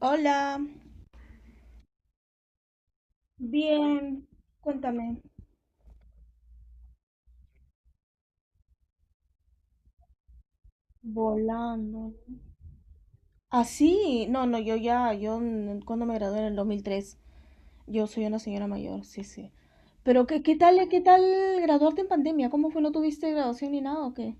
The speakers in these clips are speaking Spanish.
Hola. Bien, cuéntame. Volando. Así, no, no, yo ya, yo mm, cuando me gradué en el 2003, yo soy una señora mayor, sí, sí. ¿Pero qué tal graduarte en pandemia? ¿Cómo fue? ¿No tuviste graduación ni nada o qué?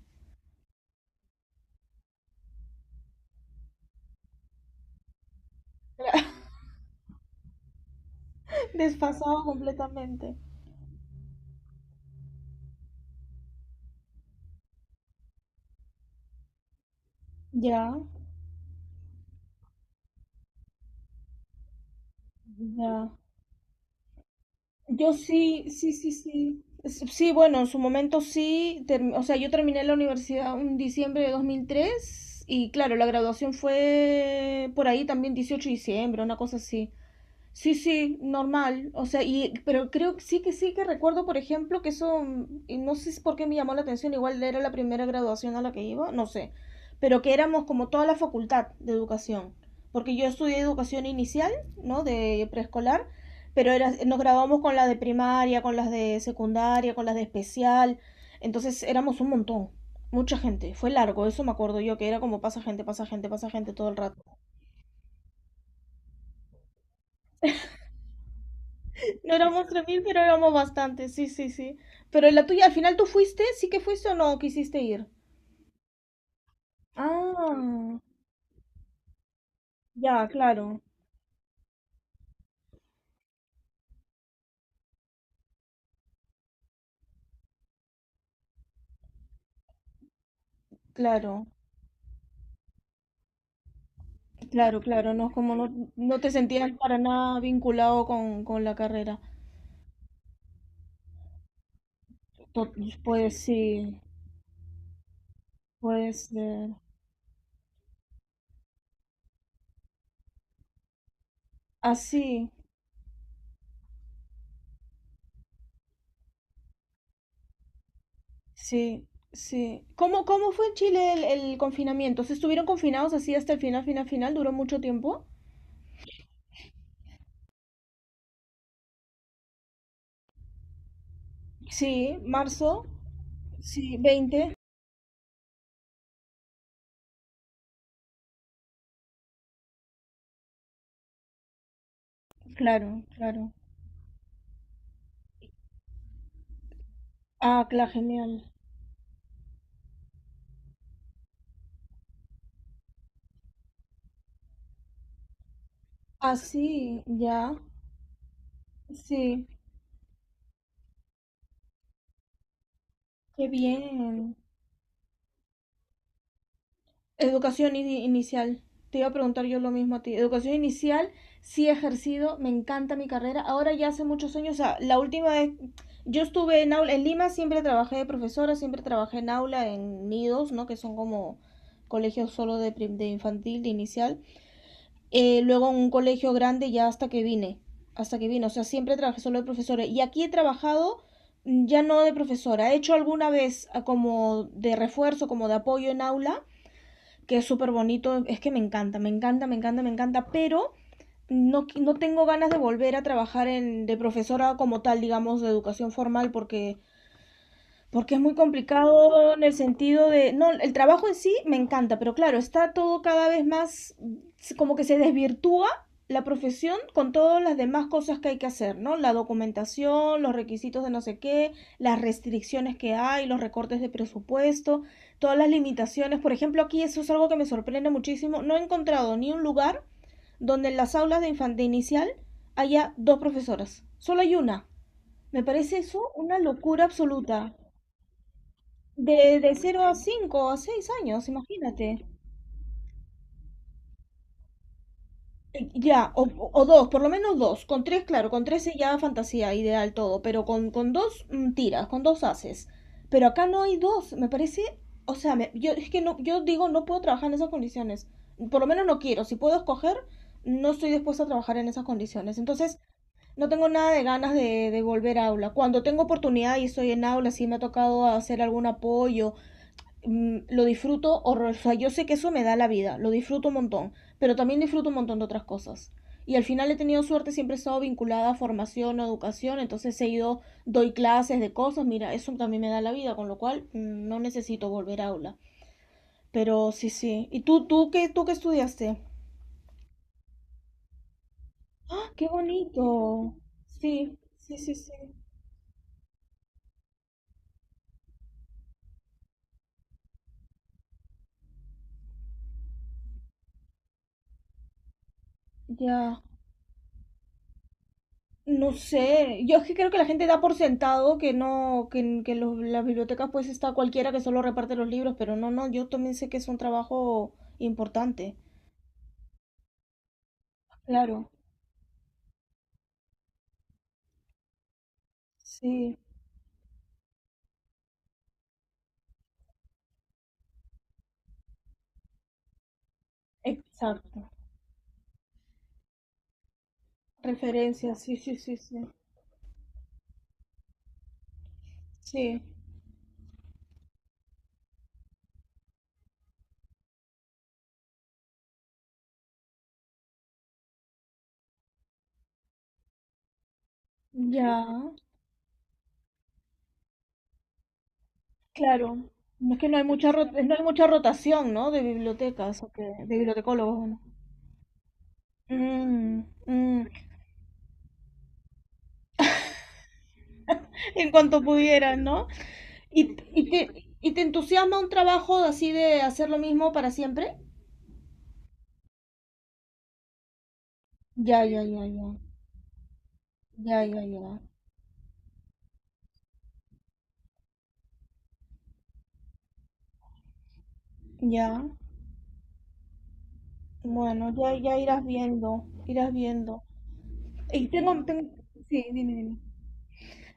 Desfasado completamente. Ya, ya. Yo sí, sí, sí, sí. Sí, bueno, en su momento sí. O sea, yo terminé la universidad en diciembre de 2003 y claro, la graduación fue por ahí también 18 de diciembre, una cosa así. Sí, sí, normal. O sea, pero creo que sí que recuerdo, por ejemplo, que eso, y no sé si por qué me llamó la atención, igual era la primera graduación a la que iba, no sé, pero que éramos como toda la facultad de educación, porque yo estudié educación inicial, ¿no? De preescolar, nos graduamos con las de primaria, con las de secundaria, con las de especial, entonces éramos un montón, mucha gente, fue largo, eso me acuerdo yo, que era como pasa gente, pasa gente, pasa gente todo el rato. No éramos 3000 pero éramos bastantes, sí, sí, sí. Pero la tuya, al final tú fuiste, sí que fuiste o no quisiste ir. Ah, ya, claro, claro, claro, claro, no, como no, no te sentías para nada vinculado con la carrera. To- Pues sí, puede ser. Así, sí, sí. ¿Cómo fue en Chile el confinamiento? ¿Se estuvieron confinados así hasta el final, final, final? ¿Duró mucho tiempo? Sí, marzo, sí, veinte. Claro, claro. Ah, claro, genial. Así, ya. Sí, qué bien. Educación inicial. Te iba a preguntar yo lo mismo a ti. Educación inicial, sí he ejercido, me encanta mi carrera. Ahora ya hace muchos años, o sea, la última vez, yo estuve en aula, en Lima siempre trabajé de profesora, siempre trabajé en aula, en nidos, ¿no? Que son como colegios solo de infantil, de inicial. Luego en un colegio grande ya hasta que vine, o sea, siempre trabajé solo de profesora y aquí he trabajado, ya no de profesora, he hecho alguna vez como de refuerzo, como de apoyo en aula, que es súper bonito, es que me encanta, me encanta, me encanta, me encanta, pero no, no tengo ganas de volver a trabajar de profesora como tal, digamos, de educación formal, porque es muy complicado en el sentido de, no, el trabajo en sí me encanta, pero claro, está todo cada vez más, como que se desvirtúa la profesión con todas las demás cosas que hay que hacer, ¿no? La documentación, los requisitos de no sé qué, las restricciones que hay, los recortes de presupuesto, todas las limitaciones. Por ejemplo, aquí eso es algo que me sorprende muchísimo. No he encontrado ni un lugar donde en las aulas de infante inicial haya dos profesoras. Solo hay una. Me parece eso una locura absoluta. De 0 a 5 a 6 años, imagínate. Ya, o dos, por lo menos dos. Con tres, claro, con tres es ya fantasía, ideal todo, pero con dos, tiras, con dos haces. Pero acá no hay dos, me parece, o sea, yo es que no, yo digo, no puedo trabajar en esas condiciones. Por lo menos no quiero. Si puedo escoger, no estoy dispuesta a trabajar en esas condiciones. Entonces, no tengo nada de ganas de volver a aula. Cuando tengo oportunidad y estoy en aula, si me ha tocado hacer algún apoyo, lo disfruto horror. O sea, yo sé que eso me da la vida, lo disfruto un montón, pero también disfruto un montón de otras cosas. Y al final he tenido suerte, siempre he estado vinculada a formación, a educación, entonces he ido, doy clases de cosas, mira, eso también me da la vida, con lo cual, no necesito volver a aula. Pero sí, sí. ¿Y tú qué estudiaste? ¡Ah, qué bonito! Sí, sí, sí, sí. Ya. No sé, yo es que creo que la gente da por sentado que no, las bibliotecas pues está cualquiera que solo reparte los libros, pero no, no, yo también sé que es un trabajo importante. Claro, sí, exacto. Referencias, sí, sí, sí, sí. Sí, ya, claro. No es que no hay mucha rotación, ¿no? De bibliotecas, de bibliotecólogos, ¿no? Mm, mm. En cuanto pudieran, ¿no? ¿Y te entusiasma un trabajo así de hacer lo mismo para siempre? Ya, ya, ya, ya. Ya, ya, ya. Ya. Bueno, ya, ya irás viendo. Irás viendo. Y tengo, ten- Sí, dime, dime.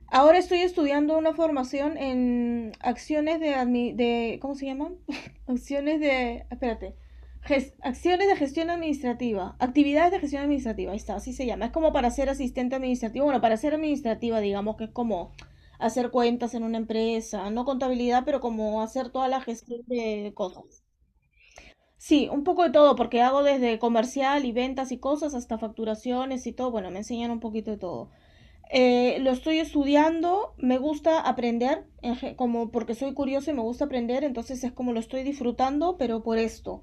Ahora estoy estudiando una formación en acciones de, ¿cómo se llaman? Acciones de, espérate, acciones de gestión administrativa, actividades de gestión administrativa, ahí está, así se llama. Es como para ser asistente administrativo, bueno, para ser administrativa, digamos que es como hacer cuentas en una empresa, no contabilidad, pero como hacer toda la gestión de cosas. Sí, un poco de todo, porque hago desde comercial y ventas y cosas hasta facturaciones y todo. Bueno, me enseñan un poquito de todo. Lo estoy estudiando, me gusta aprender, como porque soy curiosa y me gusta aprender, entonces es como lo estoy disfrutando, pero por esto.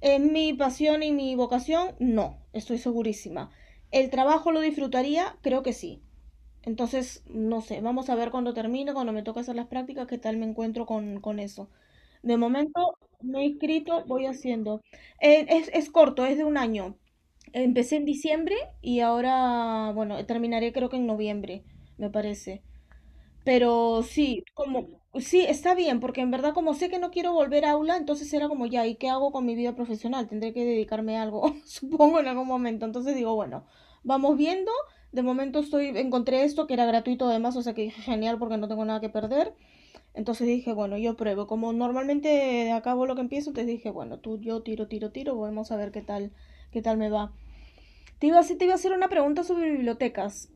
¿Es mi pasión y mi vocación? No, estoy segurísima. ¿El trabajo lo disfrutaría? Creo que sí. Entonces, no sé, vamos a ver cuando termine, cuando me toque hacer las prácticas, qué tal me encuentro con eso. De momento me he inscrito, voy haciendo. Es corto, es de un año. Empecé en diciembre y ahora, bueno, terminaré creo que en noviembre, me parece. Pero sí, como, sí, está bien, porque en verdad como sé que no quiero volver a aula, entonces era como ya, ¿y qué hago con mi vida profesional? Tendré que dedicarme a algo, supongo, en algún momento. Entonces digo, bueno, vamos viendo. De momento encontré esto que era gratuito además, o sea que dije, genial porque no tengo nada que perder. Entonces dije, bueno, yo pruebo. Como normalmente acabo lo que empiezo, te dije, bueno, yo tiro, tiro, tiro, vamos a ver qué tal me va. Te iba a hacer una pregunta sobre bibliotecas,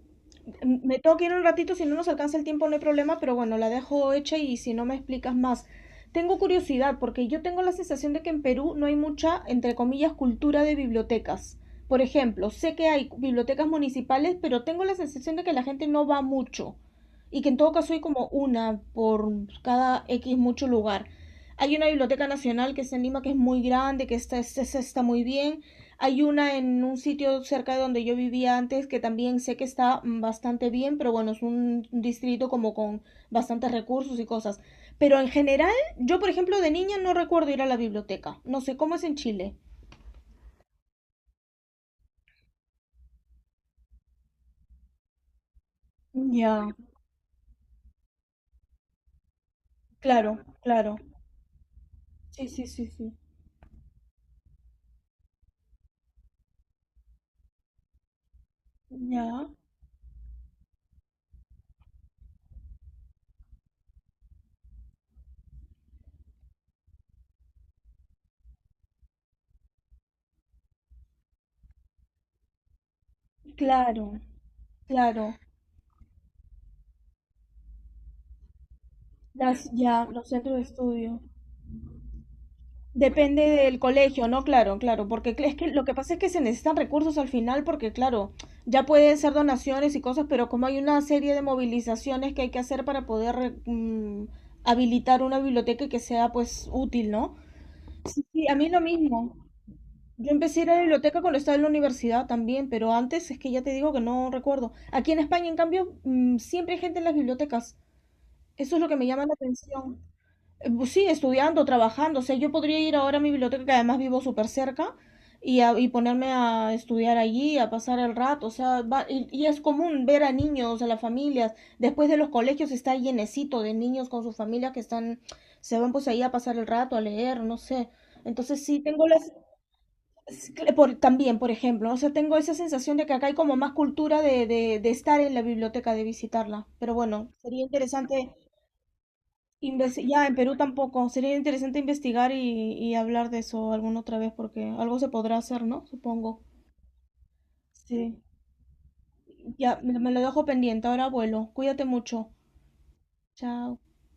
me tengo que ir un ratito, si no nos alcanza el tiempo no hay problema, pero bueno, la dejo hecha y si no me explicas más. Tengo curiosidad porque yo tengo la sensación de que en Perú no hay mucha, entre comillas, cultura de bibliotecas. Por ejemplo, sé que hay bibliotecas municipales, pero tengo la sensación de que la gente no va mucho y que en todo caso hay como una por cada X mucho lugar. Hay una biblioteca nacional que está en Lima que es muy grande, que está muy bien, hay una en un sitio cerca de donde yo vivía antes que también sé que está bastante bien, pero bueno, es un distrito como con bastantes recursos y cosas. Pero en general, yo por ejemplo de niña no recuerdo ir a la biblioteca. No sé cómo es en Chile. Ya, claro, claro. Sí, sí, sí, sí. Ya, claro, claro. Ya, los centros de estudio. Depende del colegio, ¿no? Claro, claro, porque es que lo que pasa es que se necesitan recursos al final, porque claro, ya pueden ser donaciones y cosas, pero como hay una serie de movilizaciones que hay que hacer para poder, habilitar una biblioteca que sea pues útil, ¿no? Sí, sí, a mí lo mismo. Yo empecé a ir a la biblioteca cuando estaba en la universidad también, pero antes es que ya te digo que no recuerdo. Aquí en España, en cambio, siempre hay gente en las bibliotecas. Eso es lo que me llama la atención, pues sí, estudiando, trabajando. O sea, yo podría ir ahora a mi biblioteca, que además vivo súper cerca, y ponerme a estudiar allí, a pasar el rato. O sea, y es común ver a niños, a las familias. Después de los colegios está llenecito de niños con sus familias que están, se van pues ahí a pasar el rato, a leer, no sé. Entonces sí, tengo las. También, por ejemplo, o sea, tengo esa sensación de que acá hay como más cultura de estar en la biblioteca, de visitarla. Pero bueno, sería interesante. Ya, en Perú tampoco. Sería interesante investigar y hablar de eso alguna otra vez porque algo se podrá hacer, ¿no? Supongo. Sí. Ya, me lo dejo pendiente. Ahora vuelo. Cuídate mucho. Chao.